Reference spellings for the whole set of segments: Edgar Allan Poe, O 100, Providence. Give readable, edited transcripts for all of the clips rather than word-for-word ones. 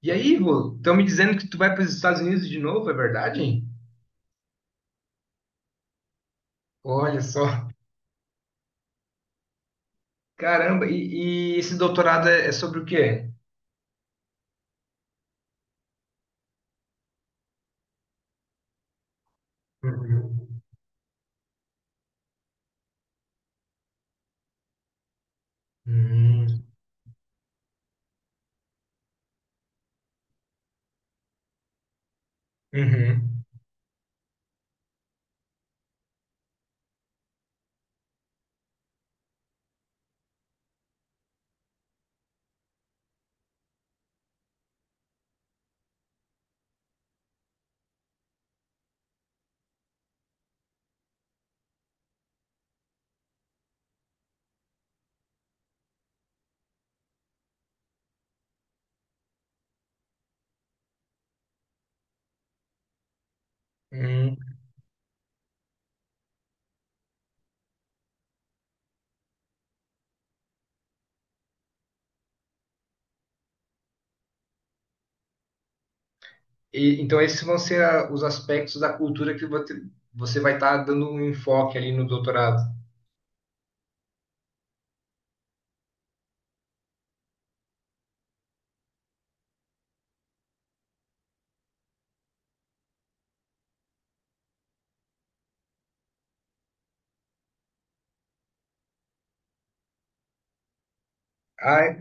E aí, Rô, estão me dizendo que tu vai para os Estados Unidos de novo, é verdade? Olha só. Caramba, e esse doutorado é sobre o quê? Uhum. Uhum. Uhum. Uhum. E então, esses vão ser os aspectos da cultura que você vai estar dando um enfoque ali no doutorado. Ah,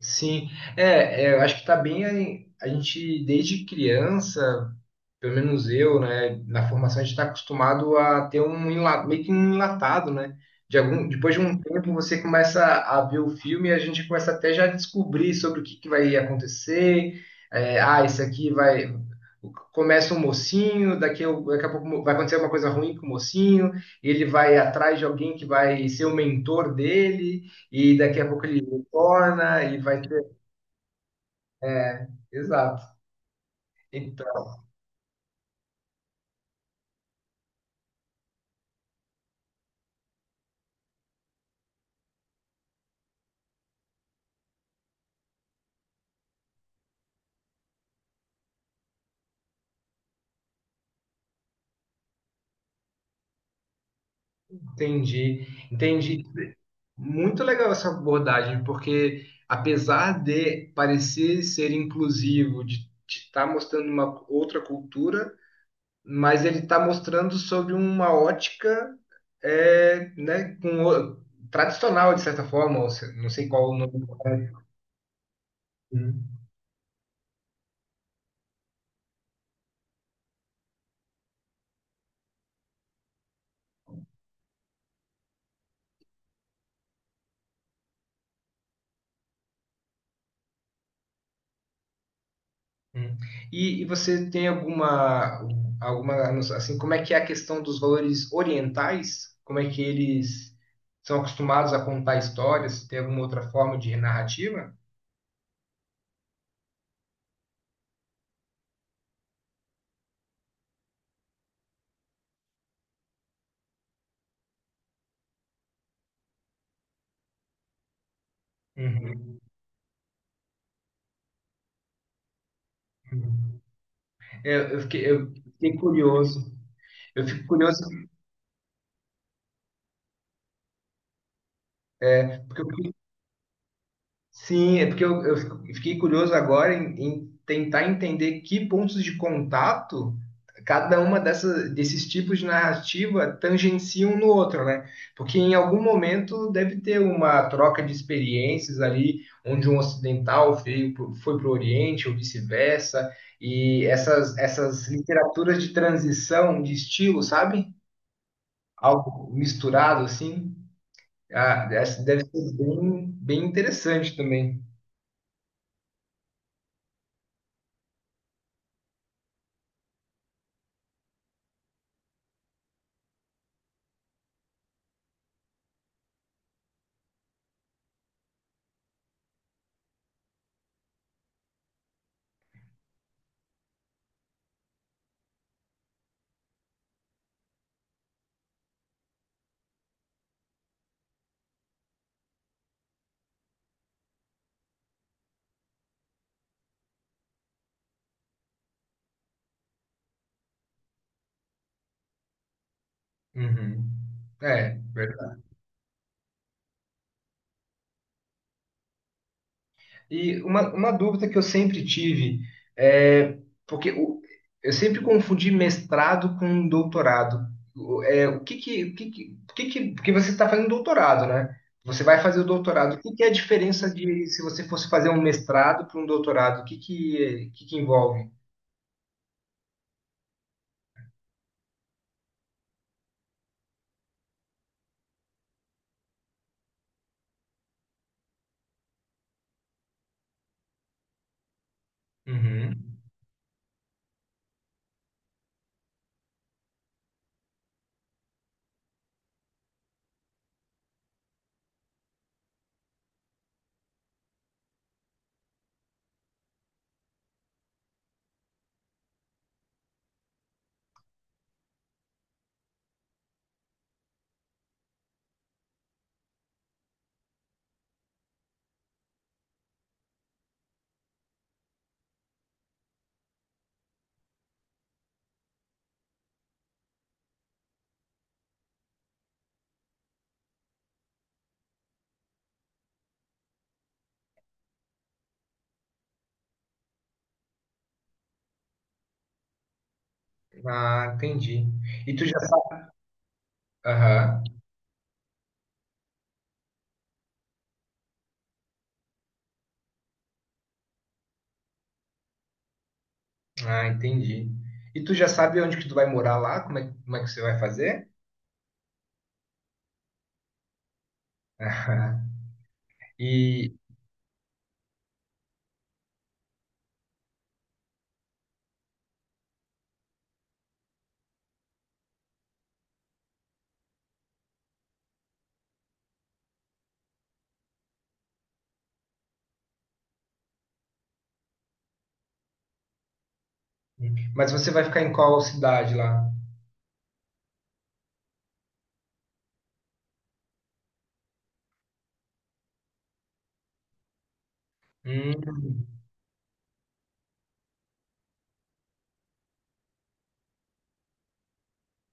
sim. É, eu acho que tá bem. Aí, a gente, desde criança, pelo menos eu, né, na formação a gente está acostumado a ter um meio que um enlatado, né? De algum, depois de um tempo, você começa a ver o filme e a gente começa até já a descobrir sobre o que, que vai acontecer. É, ah, isso aqui vai. Começa um mocinho, daqui a pouco vai acontecer uma coisa ruim com o mocinho, ele vai atrás de alguém que vai ser o mentor dele, e daqui a pouco ele retorna e vai ter. é, Exato. Então, entendi. Entendi. Muito legal essa abordagem, porque apesar de parecer ser inclusivo, de estar mostrando uma outra cultura, mas ele está mostrando sobre uma ótica, é, né, tradicional, de certa forma, ou se- não sei qual o nome. Hum, hum. E você tem alguma, não sei, assim, como é que é a questão dos valores orientais? Como é que eles são acostumados a contar histórias? Tem alguma outra forma de narrativa? Uhum, uhum. É, eu fiquei curioso. Eu fico curioso porque eu, fiquei- sim, é porque fiquei curioso agora em, em tentar entender que pontos de contato desses tipos de narrativa tangencia um no outro, né? Porque em algum momento deve ter uma troca de experiências ali, onde um ocidental foi para o Oriente ou vice-versa, e essas literaturas de transição de estilo, sabe? Algo misturado assim, ah, essa deve ser bem, bem interessante também. Uhum. É, verdade. E uma dúvida que eu sempre tive é porque o- eu sempre confundi mestrado com doutorado. O- É, o que que, o que que, o que que- Porque você está fazendo doutorado, né? Você vai fazer o doutorado. O que que é a diferença de se você fosse fazer um mestrado para um doutorado? O que que envolve? Uhum. Ah, entendi. E tu já sabe? Aham. Ah, entendi. E tu já sabe onde que tu vai morar lá? Como é que você vai fazer? E, mas você vai ficar em qual cidade lá? Hum,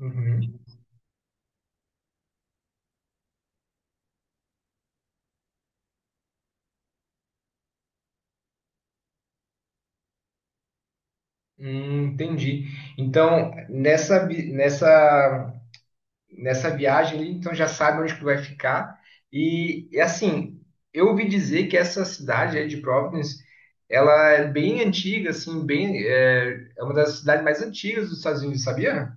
uhum. Entendi. Então, nessa viagem ali, então já sabe onde que tu vai ficar. E, assim, eu ouvi dizer que essa cidade aí de Providence, ela é bem antiga, assim, bem, é uma das cidades mais antigas dos Estados Unidos, sabia?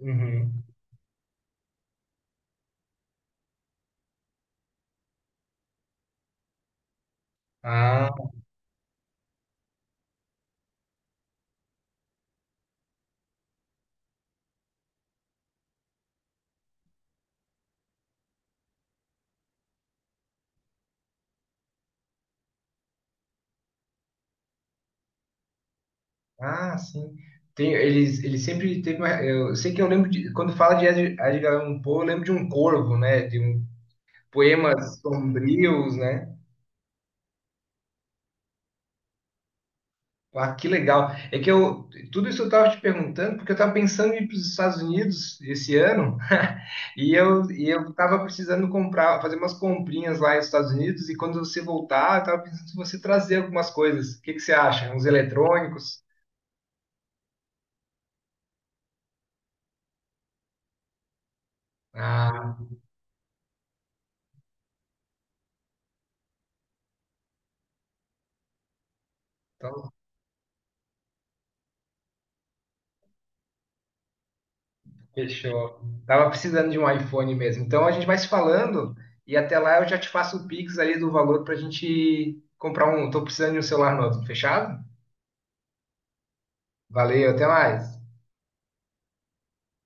Uhum. Ah, ah, sim. Ele sempre teve uma. Eu sei que eu lembro de. Quando fala de Edgar Allan Poe, eu lembro de um corvo, né? De um poemas sombrios, né? Ah, que legal. É que eu. Tudo isso eu estava te perguntando, porque eu estava pensando em ir para os Estados Unidos esse ano, e eu estava precisando comprar, fazer umas comprinhas lá nos Estados Unidos, e quando você voltar, eu estava pensando se você trazer algumas coisas. O que que você acha? Uns eletrônicos? Ah. Então, fechou. Tava precisando de um iPhone mesmo. Então a gente vai se falando e até lá eu já te faço o Pix ali do valor pra gente comprar um. Tô precisando de um celular novo, fechado? Valeu, até mais.